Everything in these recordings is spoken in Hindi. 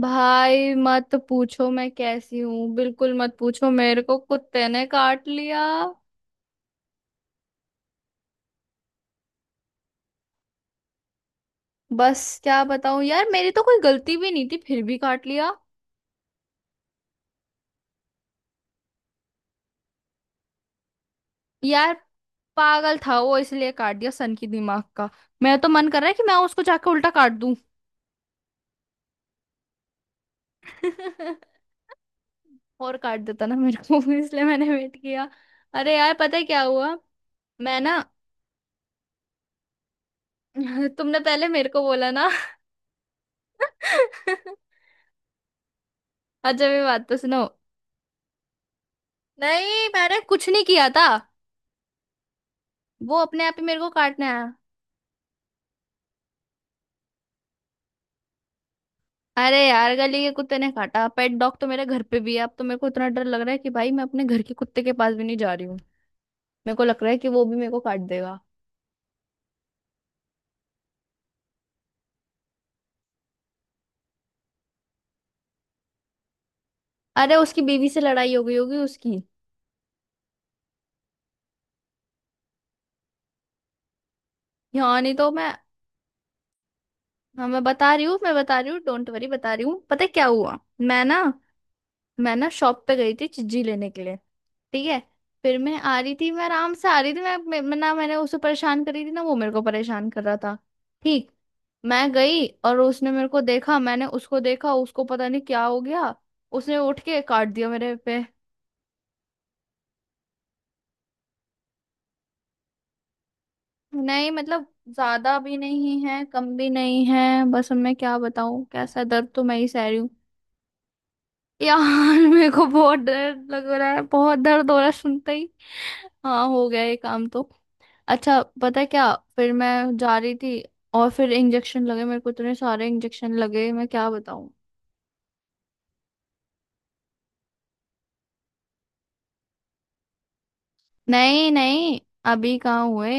भाई मत पूछो मैं कैसी हूँ। बिल्कुल मत पूछो। मेरे को कुत्ते ने काट लिया। बस क्या बताऊं यार, मेरी तो कोई गलती भी नहीं थी, फिर भी काट लिया। यार पागल था वो, इसलिए काट दिया। सन की दिमाग का। मेरा तो मन कर रहा है कि मैं उसको जाके उल्टा काट दूं। और काट देता ना मेरे को इसलिए मैंने वेट किया। अरे यार पता है क्या हुआ। मैं ना तुमने पहले मेरे को बोला ना अच्छा, मेरी बात तो सुनो। नहीं, मैंने कुछ नहीं किया था। वो अपने आप ही मेरे को काटने आया। अरे यार गली के कुत्ते ने काटा, पेट डॉग तो मेरे घर पे भी है। अब तो मेरे को इतना डर लग रहा है कि भाई मैं अपने घर के कुत्ते के पास भी नहीं जा रही हूँ। मेरे को लग रहा है कि वो भी मेरे को काट देगा। अरे उसकी बीवी से लड़ाई हो गई होगी उसकी। हाँ, नहीं तो मैं। हाँ मैं बता रही हूँ, मैं बता रही हूँ, डोंट वरी, बता रही हूँ। पता है क्या हुआ। मैं ना, मैं ना शॉप पे गई थी चिज्जी लेने के लिए। ठीक है। फिर मैं आ रही थी, मैं आराम से आ रही थी। ना मैंने उसे परेशान करी थी, ना वो मेरे को परेशान कर रहा था। ठीक। मैं गई और उसने मेरे को देखा, मैंने उसको देखा। उसको पता नहीं क्या हो गया, उसने उठ के काट दिया मेरे पे। नहीं मतलब, ज्यादा भी नहीं है, कम भी नहीं है। बस अब मैं क्या बताऊं, कैसा दर्द तो मैं ही सह रही हूँ। यार मेरे को बहुत डर लग रहा है, बहुत दर्द हो रहा है सुनते ही। हाँ हो गया ये काम तो। अच्छा पता है क्या। फिर मैं जा रही थी, और फिर इंजेक्शन लगे, मेरे को इतने सारे इंजेक्शन लगे, मैं क्या बताऊं। नहीं नहीं, अभी कहाँ हुए,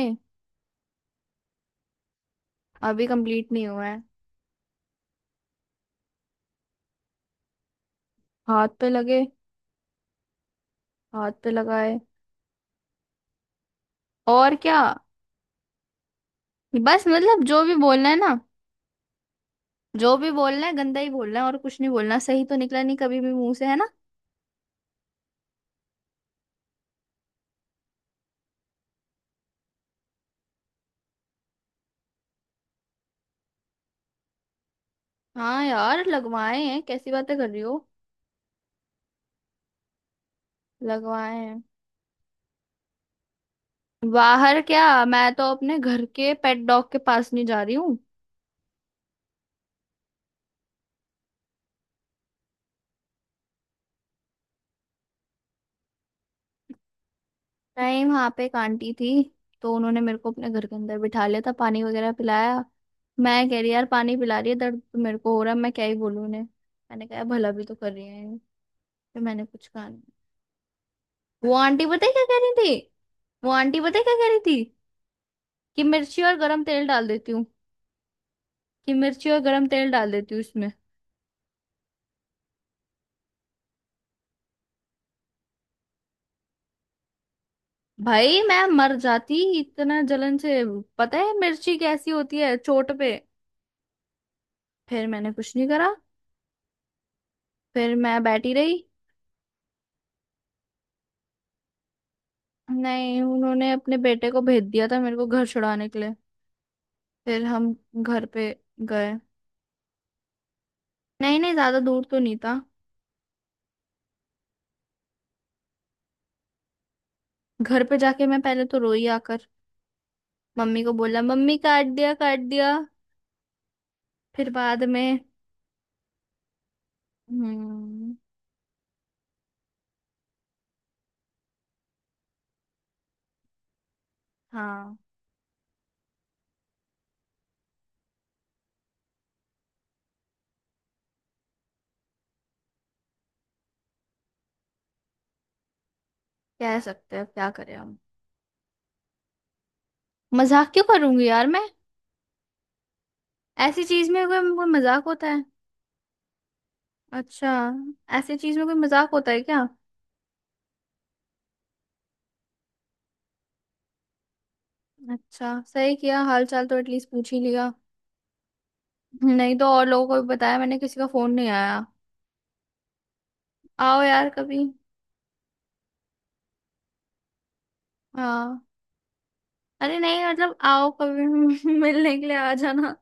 अभी कंप्लीट नहीं हुआ है। हाथ पे लगे, हाथ पे लगाए। और क्या। बस मतलब जो भी बोलना है ना, जो भी बोलना है गंदा ही बोलना है और कुछ नहीं बोलना। सही तो निकला नहीं कभी भी मुंह से, है ना। हाँ यार लगवाए हैं, कैसी बातें कर रही हो। लगवाए हैं। बाहर क्या, मैं तो अपने घर के पेट डॉग के पास नहीं जा रही हूँ। टाइम वहां पे एक आंटी थी, तो उन्होंने मेरे को अपने घर के अंदर बिठा लिया था, पानी वगैरह पिलाया। मैं कह रही यार पानी पिला रही है, दर्द तो मेरे को हो रहा है, मैं क्या ही बोलूं उन्हें। मैंने कहा भला भी तो कर रही है ये। तो मैंने कुछ कहा नहीं। वो आंटी पता है क्या कह रही थी। वो आंटी पता है क्या कह रही थी। कि मिर्ची और गरम तेल डाल देती हूँ। कि मिर्ची और गरम तेल डाल देती हूँ इसमें। भाई मैं मर जाती इतना जलन से। पता है मिर्ची कैसी होती है चोट पे। फिर मैंने कुछ नहीं करा, फिर मैं बैठी रही। नहीं, उन्होंने अपने बेटे को भेज दिया था मेरे को घर छुड़ाने के लिए। फिर हम घर पे गए। नहीं नहीं, ज्यादा दूर तो नहीं था। घर पे जाके मैं पहले तो रोई आकर, मम्मी को बोला मम्मी काट दिया, काट दिया। फिर बाद में। हम्म। हाँ कह सकते हैं, अब क्या करें हम। मजाक क्यों करूंगी यार मैं। ऐसी चीज में कोई कोई मजाक होता है। अच्छा, ऐसी चीज में कोई मजाक होता है क्या। अच्छा सही किया, हाल चाल तो एटलीस्ट पूछ ही लिया। नहीं तो और लोगों को भी बताया मैंने, किसी का फोन नहीं आया। आओ यार कभी। हाँ। अरे नहीं मतलब आओ कभी मिलने के लिए आ जाना।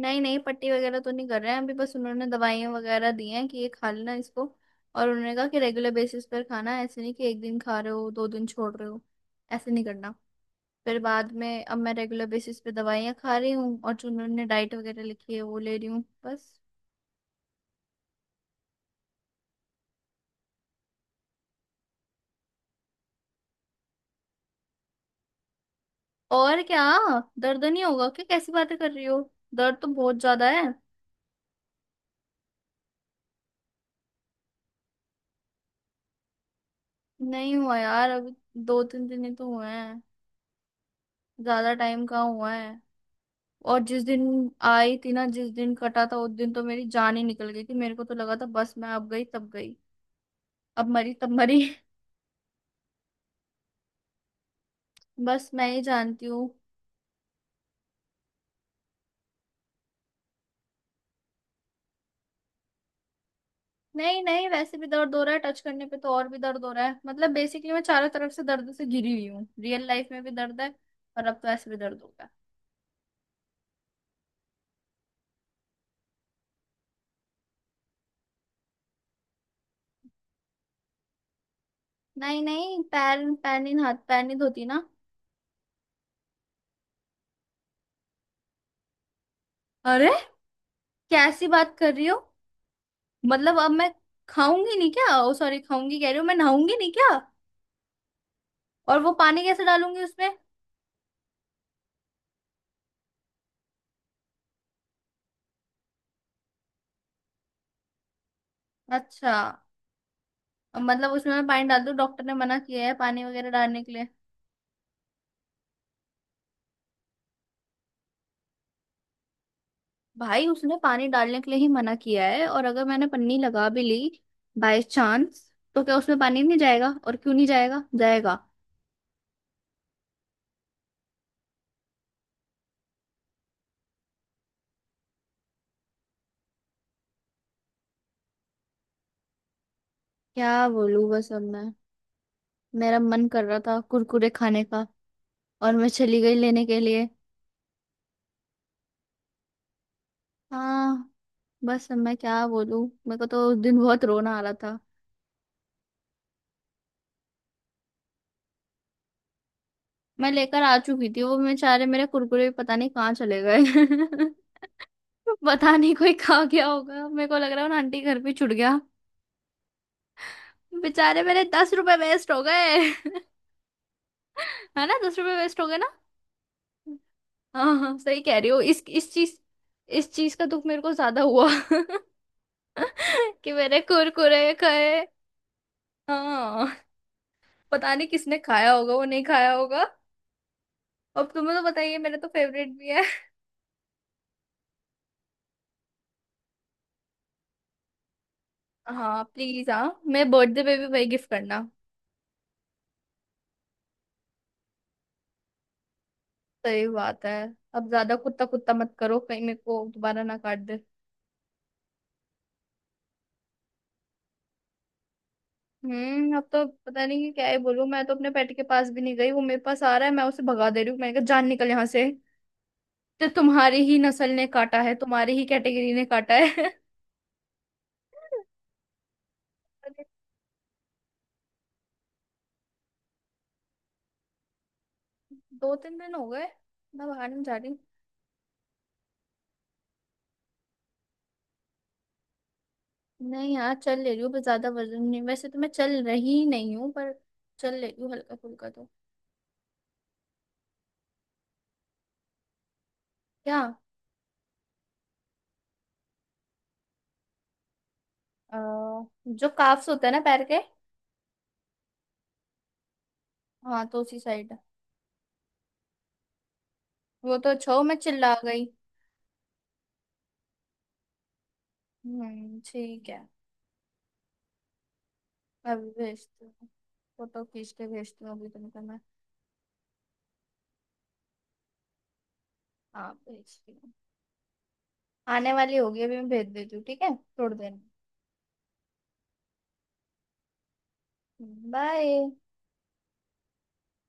नहीं नहीं, पट्टी वगैरह तो नहीं कर रहे हैं अभी, बस उन्होंने दवाइयाँ वगैरह दी हैं कि ये खा लेना इसको। और उन्होंने कहा कि रेगुलर बेसिस पर खाना है, ऐसे नहीं कि एक दिन खा रहे हो दो दिन छोड़ रहे हो, ऐसे नहीं करना। फिर बाद में अब मैं रेगुलर बेसिस पे दवाइयाँ खा रही हूँ, और जो उन्होंने डाइट वगैरह लिखी है वो ले रही हूँ बस। और क्या, दर्द नहीं होगा क्या, कैसी बातें कर रही हो। दर्द तो बहुत ज्यादा है। नहीं हुआ यार अभी, दो तीन दिन ही तो हुए हैं, ज्यादा टाइम कहाँ हुआ है। और जिस दिन आई थी ना, जिस दिन कटा था, उस दिन तो मेरी जान ही निकल गई थी। मेरे को तो लगा था बस मैं अब गई तब गई, अब मरी तब मरी। बस मैं ही जानती हूँ। नहीं नहीं, वैसे भी दर्द हो रहा है, टच करने पे तो और भी दर्द हो रहा है। मतलब बेसिकली मैं चारों तरफ से दर्द से घिरी हुई हूँ, रियल लाइफ में भी दर्द है। और अब तो ऐसे भी दर्द होगा। नहीं नहीं, पैर पैर नहीं हाथ, पैर नहीं धोती ना। अरे, कैसी बात कर रही हो। मतलब अब मैं खाऊंगी नहीं क्या, ओ सॉरी खाऊंगी कह रही हूँ, मैं नहाऊंगी नहीं क्या। और वो पानी कैसे डालूंगी उसमें। अच्छा, मतलब उसमें मैं पानी डाल दूँ। डॉक्टर ने मना किया है पानी वगैरह डालने के लिए। भाई उसने पानी डालने के लिए ही मना किया है, और अगर मैंने पन्नी लगा भी ली बाय चांस, तो क्या उसमें पानी नहीं जाएगा, और क्यों नहीं जाएगा, जाएगा। क्या बोलूं, बस अब मैं। मेरा मन कर रहा था कुरकुरे खाने का, और मैं चली गई लेने के लिए। हाँ, बस अब मैं क्या बोलूं। मेरे को तो उस दिन बहुत रोना आ रहा था। मैं लेकर आ चुकी थी, वो बेचारे मेरे कुरकुरे भी पता नहीं कहाँ चले गए। पता नहीं कोई खा गया होगा, मेरे को लग रहा है ना आंटी घर पे छुट गया। बेचारे मेरे 10 रुपए वेस्ट हो गए है ना 10 रुपए वेस्ट हो गए ना। हाँ हाँ सही कह रही हो, इस चीज, इस चीज का दुख मेरे को ज्यादा हुआ कि मैंने कुरकुरे खाए। हाँ, पता नहीं किसने खाया होगा, वो नहीं खाया होगा। अब तुम्हें तो बताइए, मेरा तो फेवरेट भी है। हाँ प्लीज, हाँ मैं बर्थडे पे भी वही गिफ्ट करना। सही बात है। अब ज्यादा कुत्ता कुत्ता मत करो, कहीं मेरे को दोबारा ना काट दे। हम्म, अब तो पता नहीं कि क्या ही बोलूं। मैं तो अपने पेट के पास भी नहीं गई, वो मेरे पास आ रहा है, मैं उसे भगा दे रही हूँ, मैंने कहा जान निकल यहाँ से, तो तुम्हारी ही नस्ल ने काटा है, तुम्हारी ही कैटेगरी ने काटा है अरे, दो तीन दिन हो गए, मैं बाहर नहीं जा रही। नहीं यार चल ले रही हूँ, पर ज्यादा वजन नहीं, वैसे तो मैं चल रही नहीं हूँ, पर चल ले रही हूँ हल्का फुल्का तो। क्या। अ, जो काफ्स होते हैं ना पैर के। हाँ तो उसी साइड। वो तो अच्छा हो मैं चिल्ला गई। ठीक है, अभी भेजती हूँ। फोटो खींच के भेजती हूँ अभी तुमको मैं। हाँ भेजती हूँ, आने वाली होगी अभी मैं भेज देती हूँ ठीक है थोड़ी देर में। बाय।